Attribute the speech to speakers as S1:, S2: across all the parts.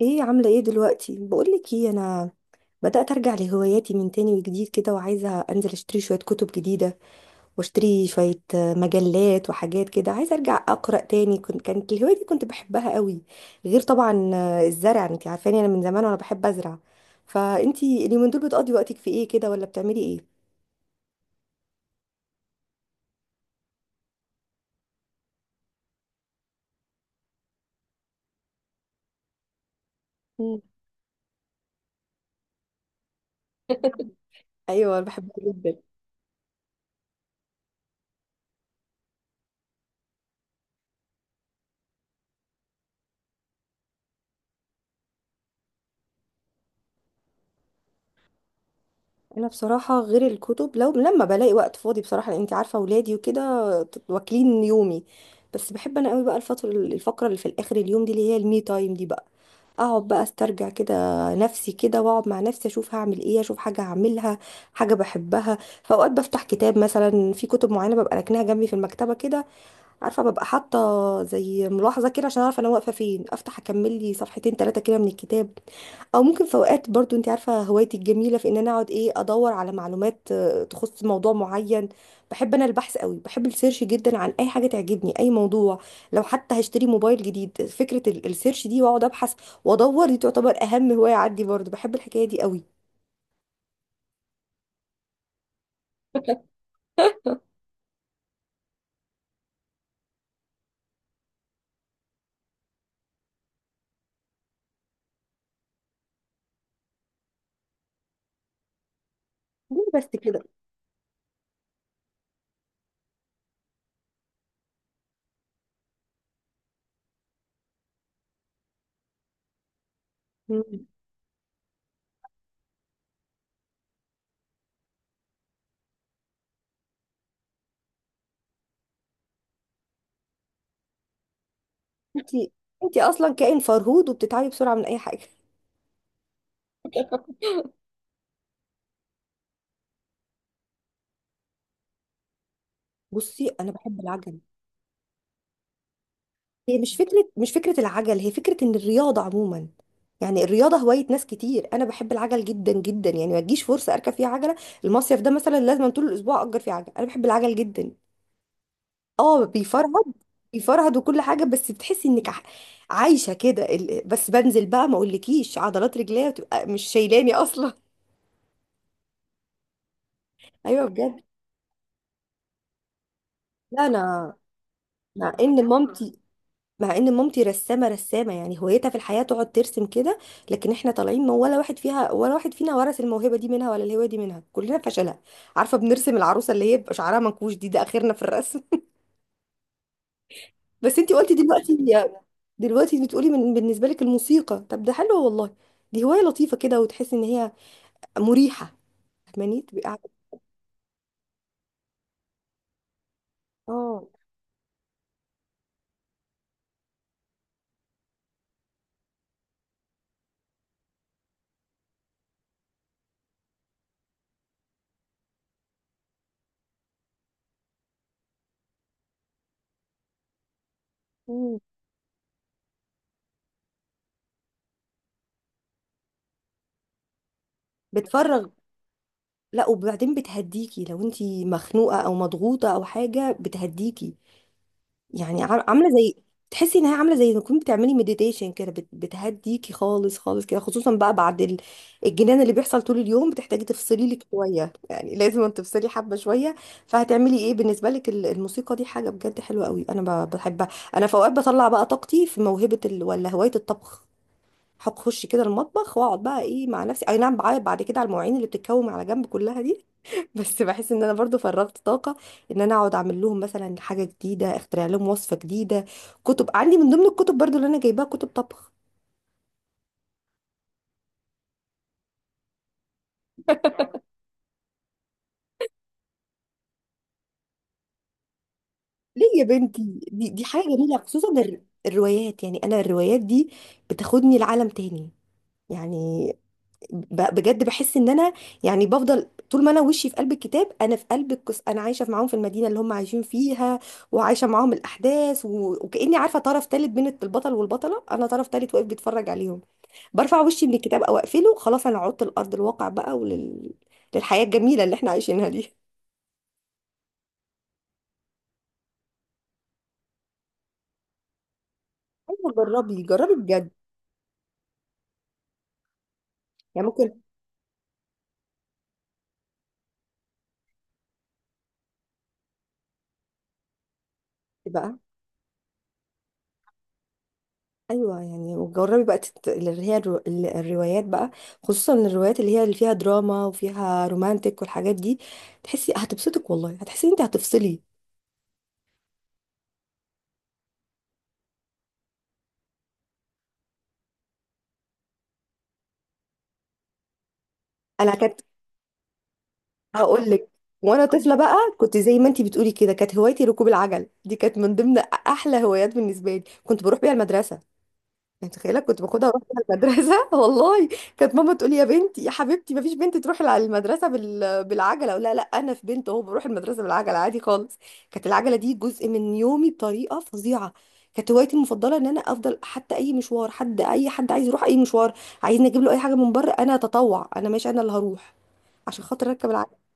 S1: ايه عاملة ايه دلوقتي؟ بقولك ايه، انا بدأت ارجع لهواياتي من تاني وجديد كده، وعايزة انزل اشتري شوية كتب جديدة واشتري شوية مجلات وحاجات كده. عايزة ارجع اقرأ تاني، كانت الهواية دي كنت بحبها قوي. غير طبعا الزرع، انت عارفاني انا من زمان وانا بحب ازرع. فانتي اليومين دول بتقضي وقتك في ايه كده، ولا بتعملي ايه؟ مم. ايوه، أنا بحبها جدا. انا بصراحه غير الكتب، لو لما بلاقي وقت فاضي بصراحه، لان انت عارفه اولادي وكده واكلين يومي. بس بحب انا قوي بقى الفقره اللي في الاخر اليوم دي، اللي هي المي تايم دي بقى، اقعد بقى استرجع كده نفسي كده، واقعد مع نفسي اشوف هعمل ايه، اشوف حاجه هعملها حاجه بحبها. فاوقات بفتح كتاب، مثلا في كتب معينه ببقى راكناها جنبي في المكتبه كده، عارفه ببقى حاطه زي ملاحظه كده عشان اعرف انا واقفه فين، افتح اكمل لي صفحتين ثلاثه كده من الكتاب. او ممكن في اوقات برضو، انت عارفه هوايتي الجميله في ان انا اقعد ايه، ادور على معلومات تخص موضوع معين. بحب انا البحث قوي، بحب السيرش جدا عن اي حاجه تعجبني اي موضوع. لو حتى هشتري موبايل جديد، فكره السيرش دي واقعد ابحث وادور، دي تعتبر اهم هوايه عندي، برضو بحب الحكايه دي قوي. ليه بس كده؟ انت انت اصلا كائن فرهود وبتتعبي بسرعه من اي حاجه. بصي انا بحب العجل. هي مش فكرة العجل، هي فكرة ان الرياضة عموما، يعني الرياضة هواية ناس كتير. انا بحب العجل جدا جدا، يعني ما تجيش فرصة اركب فيها عجلة. المصيف ده مثلا لازم طول الاسبوع اجر فيه عجل، انا بحب العجل جدا. اه بيفرهد، بيفرهد وكل حاجة، بس بتحسي انك عايشة كده بس بنزل بقى، ما اقولكيش عضلات رجليا بتبقى مش شايلاني اصلا. ايوه بجد. لا انا، مع ان مامتي مع ان مامتي رسامه، رسامه يعني هوايتها في الحياه تقعد ترسم كده، لكن احنا طالعين، ما ولا واحد فينا ورث الموهبه دي منها، ولا الهوايه دي منها، كلنا فشلها. عارفه بنرسم العروسه اللي هي بيبقى شعرها منكوش دي، ده اخرنا في الرسم. بس انتي قلتي دلوقتي. دلوقتي بتقولي من بالنسبه لك الموسيقى، طب ده حلو والله، دي هوايه لطيفه كده وتحسي ان هي مريحه. فاهماني تبقي اه. مم. بتفرغ. لا، وبعدين بتهديكي، لو انتي مخنوقه او مضغوطه او حاجه بتهديكي، يعني عامله زي، تحسي انها عامله زي ما تكوني بتعملي مديتيشن كده، بتهديكي خالص خالص كده، خصوصا بقى بعد الجنان اللي بيحصل طول اليوم، بتحتاجي تفصلي لك شويه، يعني لازم تفصلي حبه شويه. فهتعملي ايه بالنسبه لك الموسيقى دي؟ حاجه بجد حلوه قوي، انا بحبها. انا في اوقات بطلع بقى طاقتي في موهبه ولا هوايه الطبخ، هتخش كده المطبخ واقعد بقى ايه مع نفسي، اي نعم بعيط بعد كده على المواعين اللي بتتكوم على جنب كلها دي بس بحس ان انا برضو فرغت طاقه، ان انا اقعد اعمل لهم مثلا حاجه جديده، اخترع لهم وصفه جديده. كتب عندي من ضمن الكتب برضو اللي انا جايباها كتب طبخ. ليه يا بنتي؟ دي حاجه جميله، خصوصا الروايات، يعني انا الروايات دي بتاخدني لعالم تاني، يعني بجد بحس ان انا، يعني بفضل طول ما انا وشي في قلب الكتاب، انا في قلب القصه، انا عايشه معاهم في المدينه اللي هم عايشين فيها، وعايشه معاهم الاحداث وكاني عارفه طرف تالت بين البطل والبطله، انا طرف تالت واقف بيتفرج عليهم. برفع وشي من الكتاب او اقفله، خلاص انا عدت لارض الواقع بقى، للحياه الجميله اللي احنا عايشينها دي. ايوه جربي جربي بجد. يعني ممكن بقى. ايوه يعني، وجربي بقى اللي هي الروايات بقى، خصوصا الروايات اللي هي اللي فيها دراما وفيها رومانتك والحاجات دي، تحسي هتبسطك والله، هتحسي ان انت هتفصلي. انا كانت، هقول لك. وانا طفله بقى كنت زي ما انت بتقولي كده، كانت هوايتي ركوب العجل، دي كانت من ضمن احلى هوايات بالنسبه لي، كنت بروح بيها المدرسه، متخيله كنت باخدها واروح بيها المدرسه والله. كانت ماما تقول لي يا بنتي يا حبيبتي، ما فيش بنت تروح المدرسه بالعجله، اقول لها لا، انا في بنت اهو بروح المدرسه بالعجله عادي خالص. كانت العجله دي جزء من يومي بطريقه فظيعه. كانت هوايتي المفضله ان انا افضل حتى اي مشوار، حد اي حد عايز يروح اي مشوار، عايزني اجيب له اي حاجه من بره، انا اتطوع، انا ماشي، انا اللي هروح، عشان خاطر اركب العجله.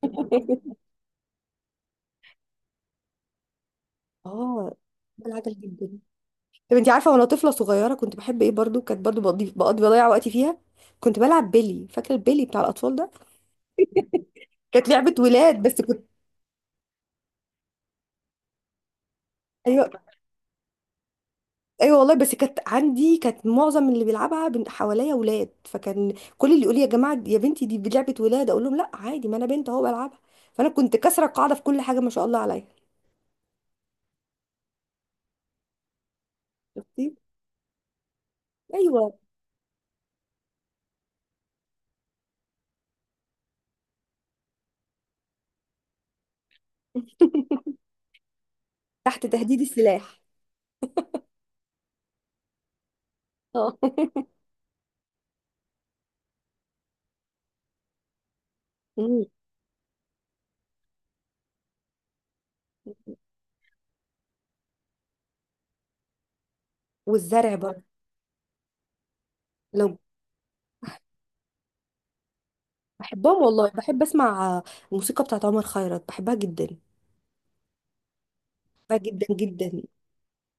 S1: اه بحب العجل جدا. طب انت عارفه وانا طفله صغيره كنت بحب ايه برضو؟ كانت برضو بقضي بضيع وقتي فيها، كنت بلعب بيلي، فاكره البيلي بتاع الاطفال ده؟ كانت لعبه ولاد، بس كنت ايوه. ايوه والله، بس كانت عندي، كانت معظم اللي بيلعبها حواليا ولاد، فكان كل اللي يقول لي يا جماعه، يا بنتي دي لعبه ولاد، اقول لهم لا عادي، ما انا بنت اهو بلعبها، فانا كنت كسره القاعده في كل حاجه ما شاء الله عليا. شفتي. ايوه. تحت تهديد السلاح. اه مم. والزرع برضه. لو. بحبهم والله، بحب اسمع الموسيقى بتاعت عمر خيرت، بحبها جدا. بحبها جدا جدا.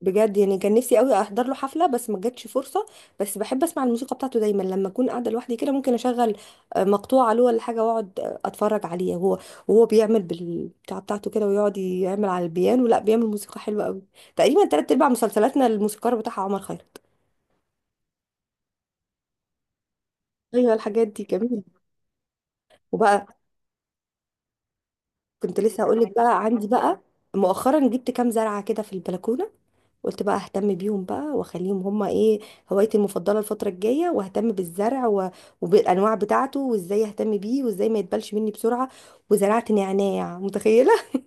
S1: بجد يعني كان نفسي قوي احضر له حفله، بس ما جاتش فرصه. بس بحب اسمع الموسيقى بتاعته دايما لما اكون قاعده لوحدي كده، ممكن اشغل مقطوعه له ولا حاجه واقعد اتفرج عليه، وهو بيعمل بالبتاع بتاعته كده، ويقعد يعمل على البيانو، لا بيعمل موسيقى حلوه قوي. تقريبا تلات ارباع مسلسلاتنا الموسيقار بتاعها عمر خيرت. ايوه الحاجات دي جميله. وبقى، كنت لسه هقول لك بقى، عندي بقى مؤخرا جبت كام زرعه كده في البلكونه، قلت بقى اهتم بيهم بقى واخليهم هما ايه، هوايتي المفضله الفتره الجايه، واهتم بالزرع وبالانواع بتاعته، وازاي اهتم بيه، وازاي ما يتبلش مني بسرعه، وزرعت نعناع متخيله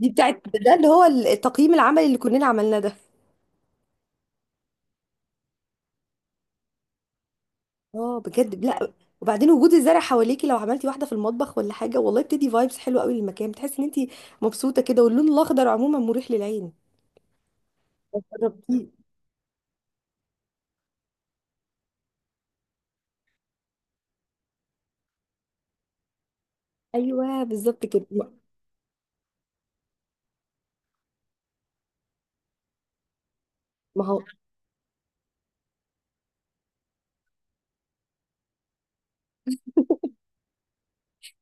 S1: دي بتاعت ده اللي هو التقييم العملي اللي كلنا عملناه ده. اه بجد، لا أيوة. وبعدين وجود الزرع حواليكي، لو عملتي واحده في المطبخ ولا حاجه والله بتدي فايبس حلوه قوي للمكان، بتحسي ان انت مبسوطه كده، واللون الاخضر عموما مريح للعين. جربتيه؟ ايوه بالظبط كده. ما هو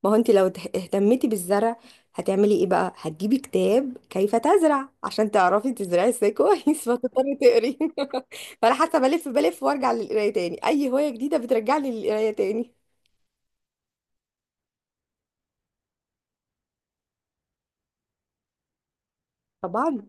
S1: ما هو انت لو اهتمتي بالزرع، هتعملي ايه بقى؟ هتجيبي كتاب كيف تزرع عشان تعرفي تزرعي ازاي كويس، فتضطري تقري فانا حاسه بلف بلف وارجع للقرايه تاني، اي هوايه جديده بترجعني للقرايه تاني. طبعا.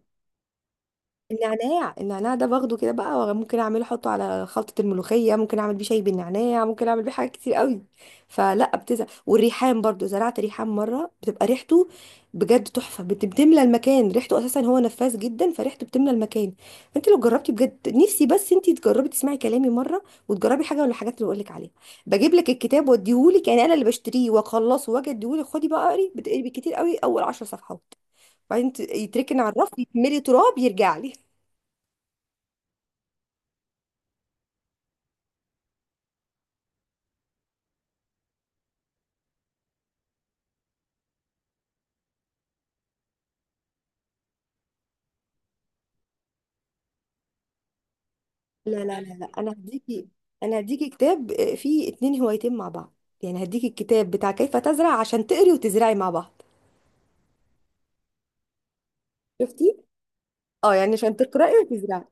S1: النعناع، النعناع ده باخده كده بقى، ممكن اعمله احطه على خلطة الملوخية، ممكن اعمل بيه شاي بالنعناع، ممكن اعمل بيه حاجات كتير قوي، فلا بتزهق. والريحان برضو، زرعت ريحان مرة، بتبقى ريحته بجد تحفة، بتملى المكان ريحته، اساسا هو نفاذ جدا فريحته بتملى المكان. انت لو جربتي بجد، نفسي بس انت تجربي، تسمعي كلامي مرة، وتجربي حاجة من الحاجات اللي بقول لك عليها. بجيب لك الكتاب واديهولك، يعني انا اللي بشتريه واخلصه واجي اديهولك، خدي بقى اقري، بتقري بالكتير قوي اول 10 صفحات، بعدين يتركن على الرف يتملي تراب يرجع لي. لا، لا، لا، لا، انا هديكي. كتاب فيه اتنين هوايتين مع بعض، يعني هديكي الكتاب بتاع كيف تزرع عشان تقري وتزرعي مع بعض. شفتي؟ اه يعني عشان تقراي وتزرعي.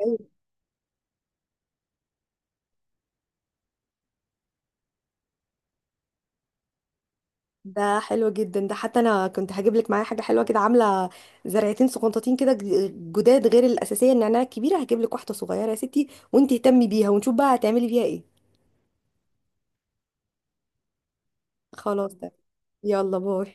S1: ايوه ده حلو جدا، ده حتى انا كنت هجيب لك معايا حاجه حلوه كده، عامله زرعتين سقنطتين كده جداد، غير الاساسيه النعناع الكبيره، هجيب لك واحده صغيره يا ستي، وانت اهتمي بيها ونشوف بقى هتعملي بيها ايه. خلاص ده. يلا باي.